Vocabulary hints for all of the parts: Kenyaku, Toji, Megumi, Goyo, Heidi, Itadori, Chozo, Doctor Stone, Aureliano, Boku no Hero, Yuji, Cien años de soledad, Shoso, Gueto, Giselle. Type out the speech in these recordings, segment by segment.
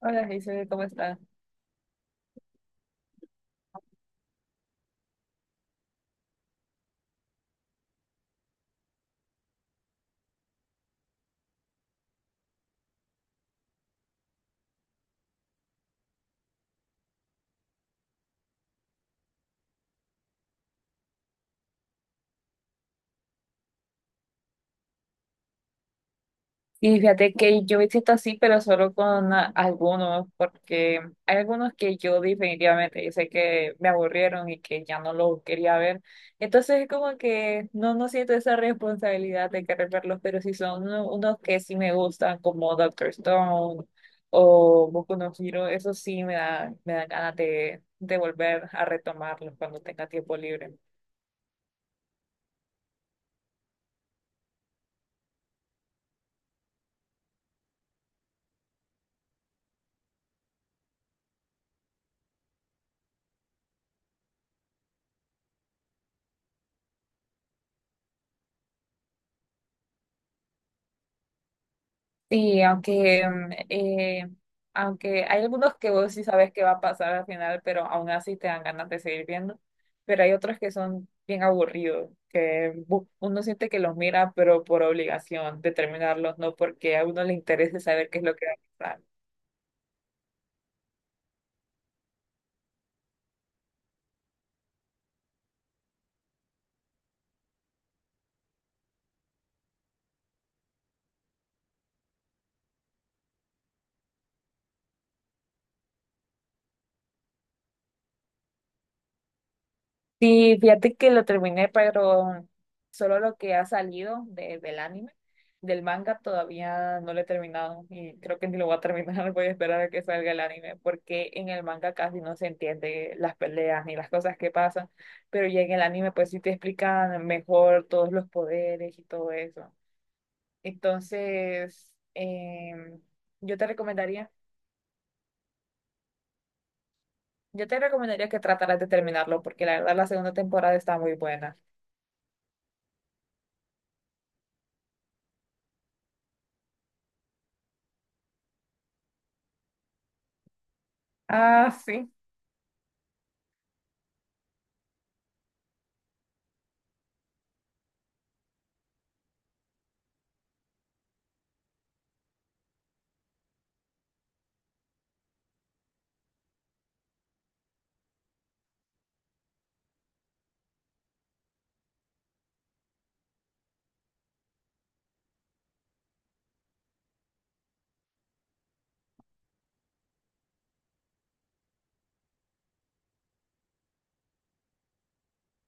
Hola, Giselle, ¿cómo estás? Y fíjate que yo me siento así, pero solo con algunos, porque hay algunos que yo definitivamente, yo sé que me aburrieron y que ya no los quería ver. Entonces es como que no, no siento esa responsabilidad de querer verlos, pero sí son unos que sí me gustan, como Doctor Stone o Boku no Hero, eso sí me da ganas de volver a retomarlos cuando tenga tiempo libre. Sí, aunque, aunque hay algunos que vos sí sabes qué va a pasar al final, pero aún así te dan ganas de seguir viendo. Pero hay otros que son bien aburridos, que uno siente que los mira, pero por obligación de terminarlos, no porque a uno le interese saber qué es lo que va a pasar. Sí, fíjate que lo terminé, pero solo lo que ha salido del anime, del manga todavía no lo he terminado y creo que ni lo voy a terminar, voy a esperar a que salga el anime, porque en el manga casi no se entiende las peleas ni las cosas que pasan, pero ya en el anime pues sí te explican mejor todos los poderes y todo eso. Entonces, yo te recomendaría, yo te recomendaría que trataras de terminarlo, porque la verdad la segunda temporada está muy buena. Ah, sí.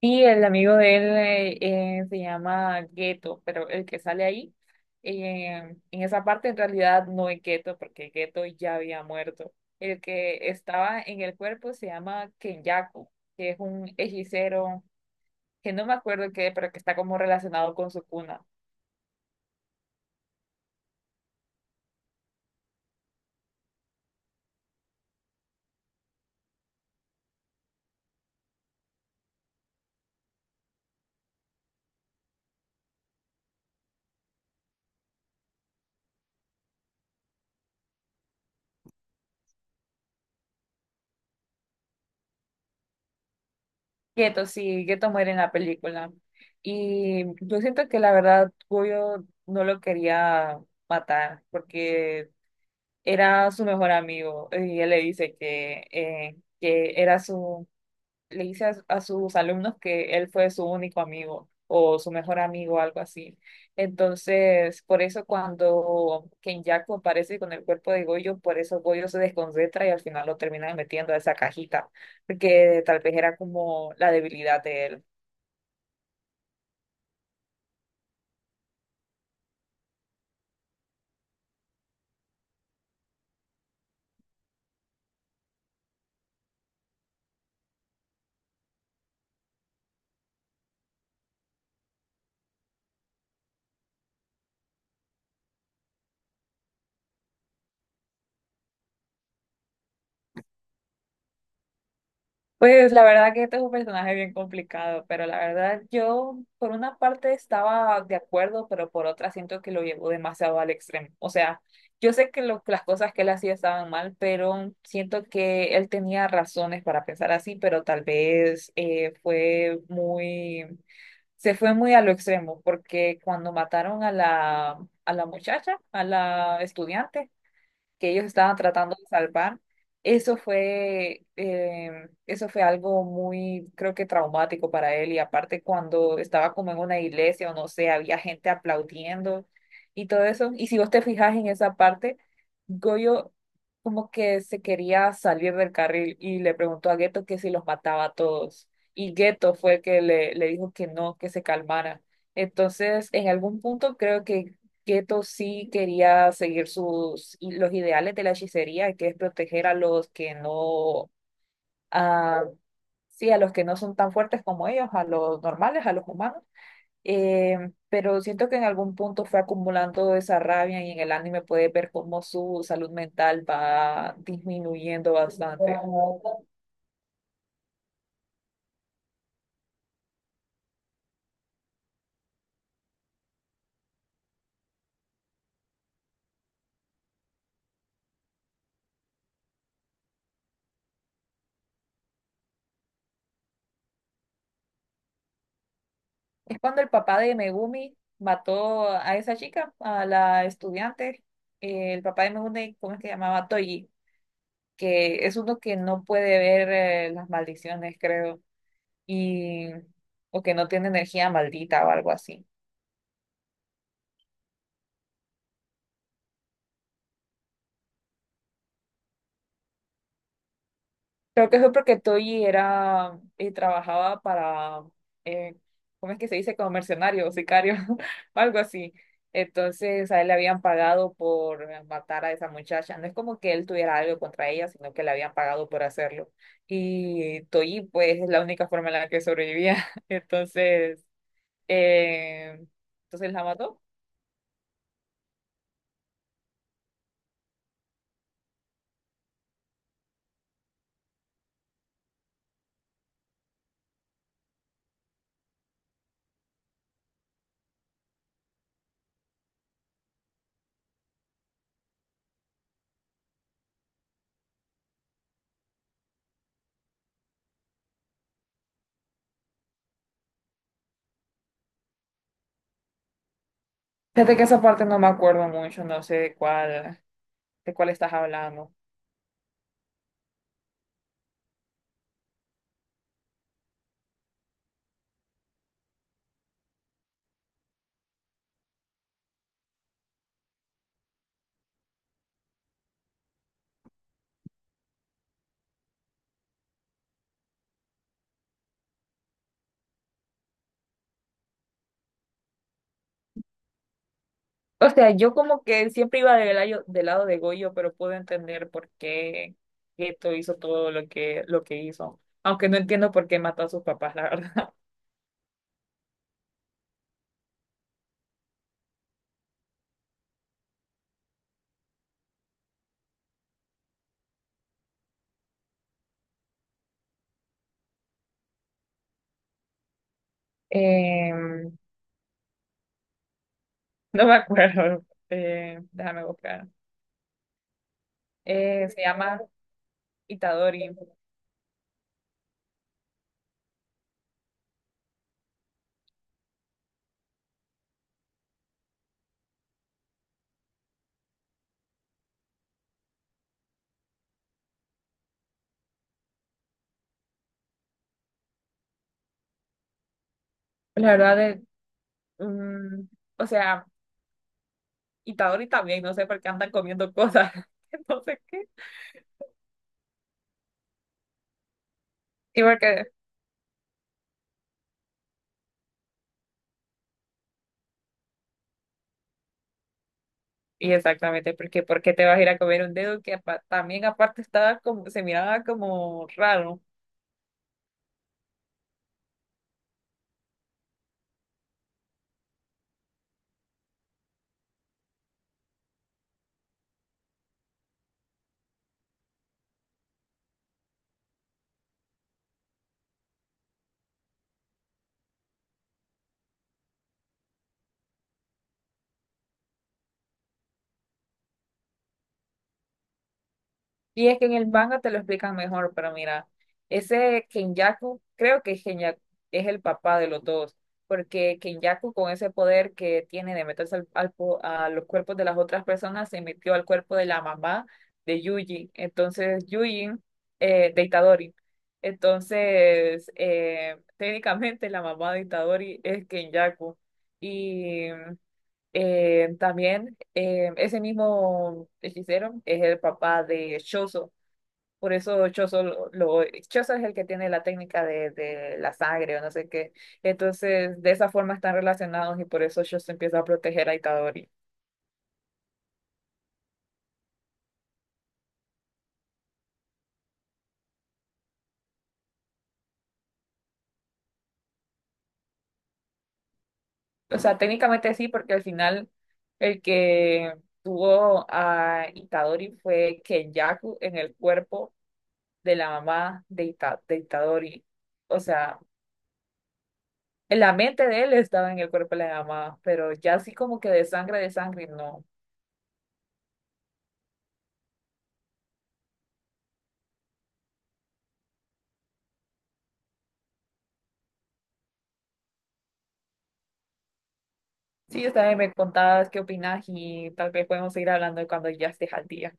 Y el amigo de él se llama Gueto, pero el que sale ahí, en esa parte en realidad no es Gueto, porque Gueto ya había muerto. El que estaba en el cuerpo se llama Kenyaku, que es un hechicero que no me acuerdo qué, pero que está como relacionado con su cuna. Gueto, sí, Gueto muere en la película. Y yo siento que la verdad Goyo no lo quería matar, porque era su mejor amigo y él le dice que era le dice a sus alumnos que él fue su único amigo o su mejor amigo, algo así. Entonces, por eso cuando Kenyaku aparece con el cuerpo de Goyo, por eso Goyo se desconcentra y al final lo termina metiendo a esa cajita, porque tal vez era como la debilidad de él. Pues la verdad que este es un personaje bien complicado, pero la verdad yo por una parte estaba de acuerdo, pero por otra siento que lo llevó demasiado al extremo. O sea, yo sé que las cosas que él hacía estaban mal, pero siento que él tenía razones para pensar así, pero tal vez fue muy, se fue muy a lo extremo, porque cuando mataron a a la muchacha, a la estudiante, que ellos estaban tratando de salvar. Eso fue algo muy, creo que traumático para él. Y aparte cuando estaba como en una iglesia o no sé, había gente aplaudiendo y todo eso. Y si vos te fijas en esa parte, Goyo como que se quería salir del carril y le preguntó a Geto que si los mataba a todos. Y Geto fue el que le dijo que no, que se calmara. Entonces, en algún punto creo que Keto sí quería seguir sus, y los ideales de la hechicería, que es proteger a los que no, a sí, a los que no son tan fuertes como ellos, a los normales, a los humanos. Eh, pero siento que en algún punto fue acumulando esa rabia y en el anime puedes ver cómo su salud mental va disminuyendo bastante. Es cuando el papá de Megumi mató a esa chica, a la estudiante. El papá de Megumi, ¿cómo es que se llamaba? Toji, que es uno que no puede ver las maldiciones, creo, y o que no tiene energía maldita o algo así. Creo que fue porque Toyi era y trabajaba para, eh, ¿cómo es que se dice? Como mercenario o sicario o algo así. Entonces a él le habían pagado por matar a esa muchacha. No es como que él tuviera algo contra ella, sino que le habían pagado por hacerlo. Y Toyi, pues, es la única forma en la que sobrevivía. Entonces, eh, entonces la mató. Fíjate que esa parte no me acuerdo mucho, no sé de cuál estás hablando. O sea, yo como que siempre iba del lado de Goyo, pero puedo entender por qué Geto hizo todo lo que hizo. Aunque no entiendo por qué mató a sus papás, la verdad. Em, no me acuerdo. Déjame buscar. Se llama Itadori. La verdad es, mm, o sea, Itadori también, no sé por qué andan comiendo cosas. Entonces, ¿qué? Y porque Y exactamente, porque ¿por qué te vas a ir a comer un dedo que también aparte estaba como, se miraba como raro? Y es que en el manga te lo explican mejor, pero mira, ese Kenyaku, creo que Kenyaku es el papá de los dos, porque Kenyaku con ese poder que tiene de meterse a los cuerpos de las otras personas, se metió al cuerpo de la mamá de Yuji. Entonces, Yuji, de Itadori. Entonces, técnicamente la mamá de Itadori es Kenyaku. Y también ese mismo hechicero es el papá de Shoso. Por eso Chozo, Chozo es el que tiene la técnica de la sangre o no sé qué. Entonces, de esa forma están relacionados y por eso Chozo empieza a proteger a Itadori. O sea, técnicamente sí, porque al final el que tuvo a Itadori fue Kenyaku en el cuerpo de la mamá de, de Itadori. O sea, en la mente de él estaba en el cuerpo de la mamá, pero ya así como que de sangre, no. Sí, también me contabas qué opinas y tal vez podemos seguir hablando cuando ya estés al día.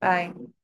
Bye.